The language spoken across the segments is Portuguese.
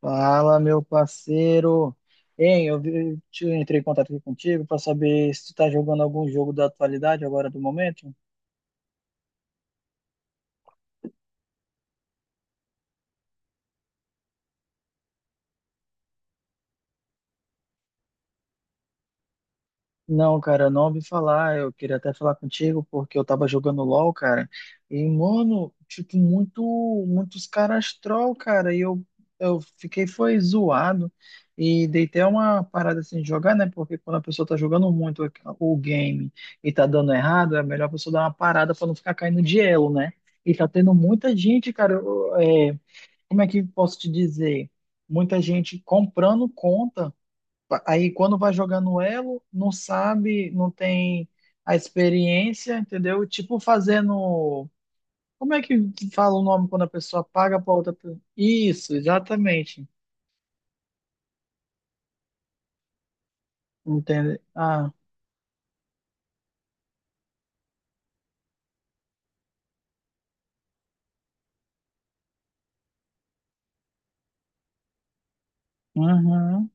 Fala, meu parceiro. Hein, eu vi- te- Entrei em contato aqui contigo para saber se tu tá jogando algum jogo da atualidade agora do momento. Não, cara, eu não ouvi falar. Eu queria até falar contigo porque eu tava jogando LoL, cara. E, mano, tipo, muitos caras troll, cara. Eu fiquei, foi zoado. E dei até uma parada assim de jogar, né? Porque quando a pessoa tá jogando muito o game e tá dando errado, é melhor a pessoa dar uma parada pra não ficar caindo de elo, né? E tá tendo muita gente, cara. Como é que posso te dizer? Muita gente comprando conta. Aí quando vai jogar no elo, não sabe, não tem a experiência, entendeu? Tipo fazendo. Como é que fala o nome quando a pessoa paga para outra pessoa? Isso, exatamente. Entende? Ah, uhum.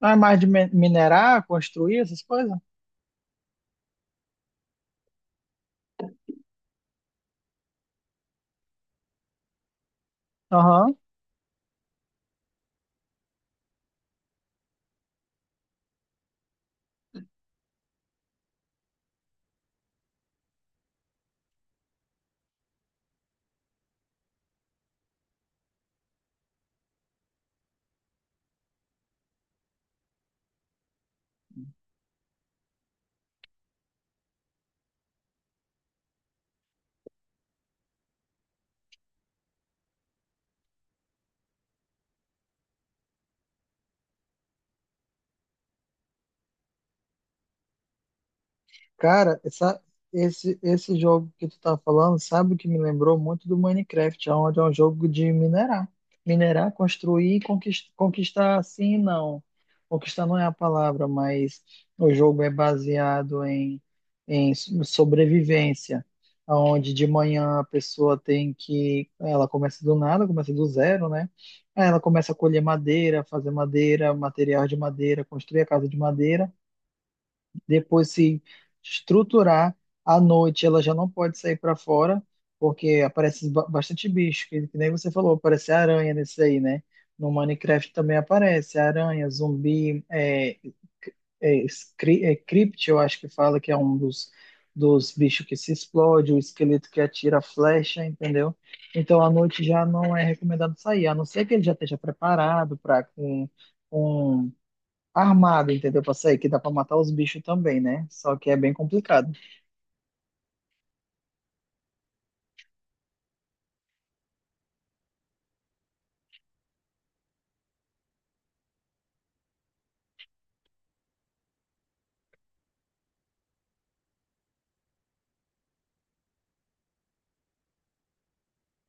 Ah, mais de minerar, construir essas coisas? Aham. Cara, esse jogo que tu tá falando, sabe o que me lembrou muito? Do Minecraft, onde é um jogo de minerar. Minerar, construir e conquistar, conquistar sim não. Conquistar não é a palavra, mas o jogo é baseado em sobrevivência, onde de manhã a pessoa tem que. Ela começa do nada, começa do zero, né? Aí ela começa a colher madeira, fazer madeira, material de madeira, construir a casa de madeira depois se estruturar. À noite ela já não pode sair para fora, porque aparece bastante bicho, que nem você falou, aparece aranha nesse aí, né? No Minecraft também aparece aranha, zumbi, crypt, eu acho que fala que é um dos bichos que se explode, o esqueleto que atira flecha, entendeu? Então à noite já não é recomendado sair, a não ser que ele já esteja preparado para com armado, entendeu? Pra sair, que dá pra matar os bichos também, né? Só que é bem complicado.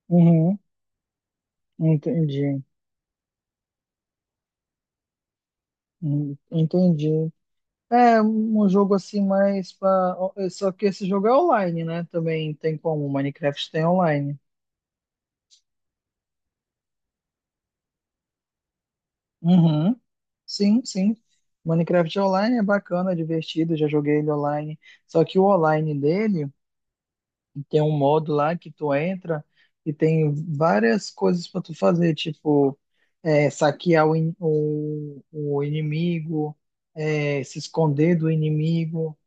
Uhum, entendi. Uhum, entendi. É um jogo assim mais pra... Só que esse jogo é online, né? Também tem como. Minecraft tem online. Uhum. Sim, sim. Minecraft é online, é bacana, é divertido. Já joguei ele online. Só que o online dele. Tem um modo lá que tu entra e tem várias coisas para tu fazer, tipo é, saquear o inimigo, é, se esconder do inimigo.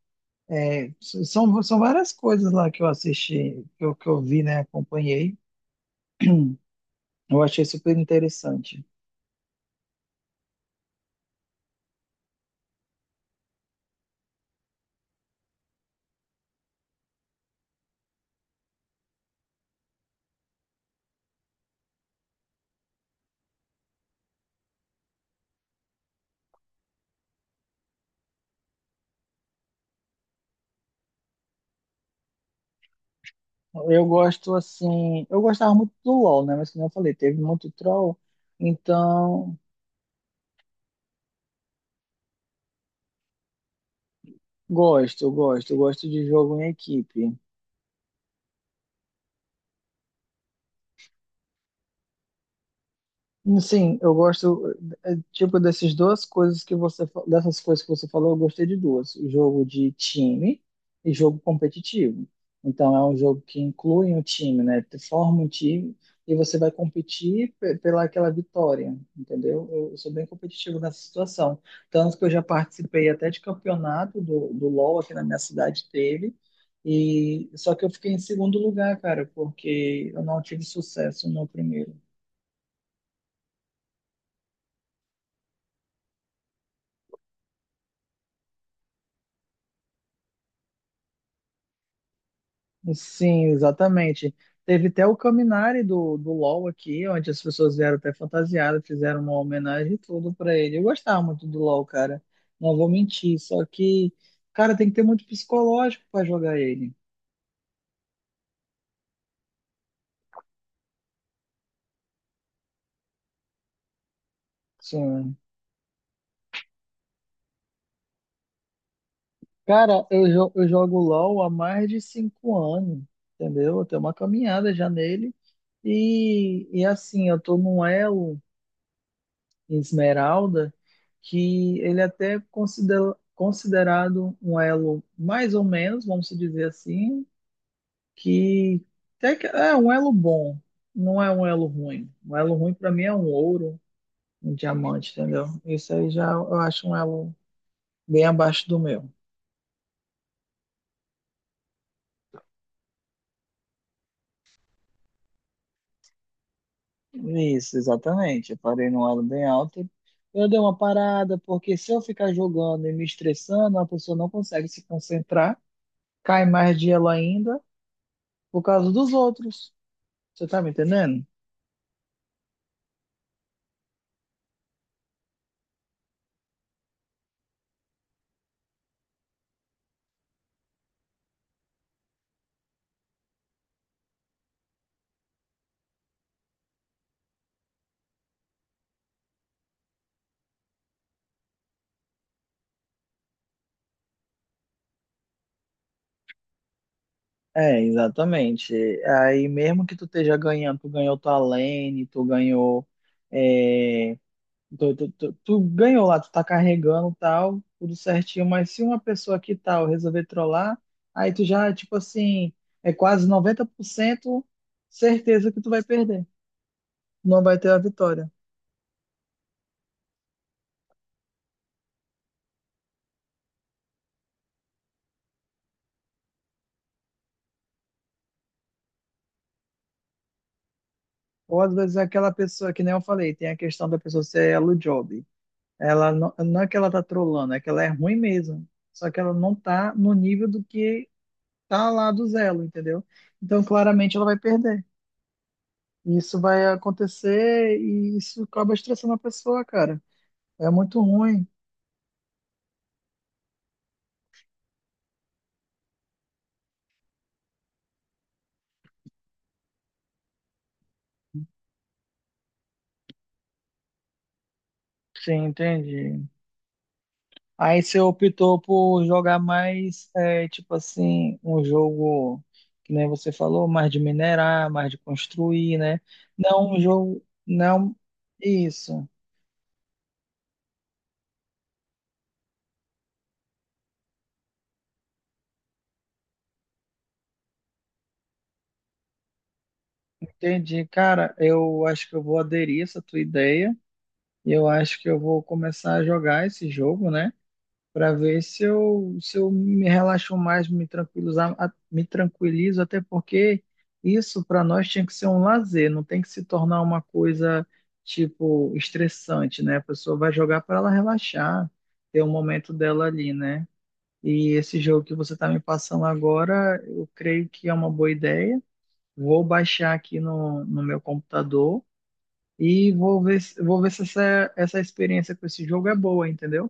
São, são várias coisas lá que eu assisti, que eu vi, né? Acompanhei. Eu achei super interessante. Eu gosto assim, eu gostava muito do LoL, né? Mas como eu falei, teve muito troll, então eu gosto de jogo em equipe. Sim, eu gosto. Tipo, dessas coisas que você falou, eu gostei de duas: o jogo de time e jogo competitivo. Então, é um jogo que inclui um time, né? Tu forma um time e você vai competir pela aquela vitória, entendeu? Eu sou bem competitivo nessa situação. Tanto que eu já participei até de campeonato do LoL aqui na minha cidade, teve. E, só que eu fiquei em segundo lugar, cara, porque eu não tive sucesso no primeiro. Sim, exatamente. Teve até o Caminari do LoL aqui, onde as pessoas vieram até fantasiadas, fizeram uma homenagem e tudo pra ele. Eu gostava muito do LoL, cara. Não vou mentir, só que, cara, tem que ter muito psicológico pra jogar ele. Sim. Cara, eu jogo LoL há mais de 5 anos, entendeu? Eu tenho uma caminhada já nele. E assim, eu tô num elo. Esmeralda, que ele até é considerado um elo mais ou menos, vamos dizer assim, que até que é um elo bom, não é um elo ruim. Um elo ruim para mim é um ouro, um diamante, entendeu? Isso aí já eu acho um elo bem abaixo do meu. Isso, exatamente. Eu parei num elo bem alto e eu dei uma parada, porque se eu ficar jogando e me estressando, a pessoa não consegue se concentrar, cai mais de elo ainda por causa dos outros. Você tá me entendendo? É, exatamente. Aí mesmo que tu esteja ganhando, tu ganhou tua lane, tu ganhou, é, tu ganhou lá, tu tá carregando tal, tudo certinho, mas se uma pessoa que tal resolver trollar, aí tu já, tipo assim, é quase 90% certeza que tu vai perder. Não vai ter a vitória. Ou às vezes é aquela pessoa, que nem eu falei, tem a questão da pessoa ser elo job. Ela não, não é que ela tá trolando, é que ela é ruim mesmo. Só que ela não tá no nível do que tá lá do Zelo, entendeu? Então, claramente, ela vai perder. Isso vai acontecer e isso acaba estressando a pessoa, cara. É muito ruim. Sim, entendi. Aí você optou por jogar mais, é, tipo assim, um jogo que nem você falou, mais de minerar, mais de construir, né? Não um jogo, não isso. Entendi, cara. Eu acho que eu vou aderir essa tua ideia. E eu acho que eu vou começar a jogar esse jogo, né? Para ver se eu, se eu me relaxo mais, me tranquilizo, até porque isso para nós tinha que ser um lazer, não tem que se tornar uma coisa tipo estressante, né? A pessoa vai jogar para ela relaxar, ter um momento dela ali, né? E esse jogo que você tá me passando agora, eu creio que é uma boa ideia. Vou baixar aqui no meu computador e vou ver, vou ver se essa experiência com esse jogo é boa, entendeu?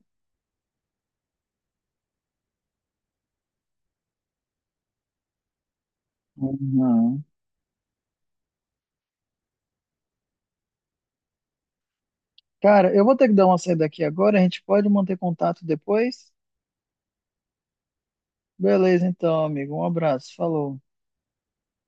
Uhum. Cara, eu vou ter que dar uma saída aqui agora, a gente pode manter contato depois? Beleza, então, amigo. Um abraço, falou.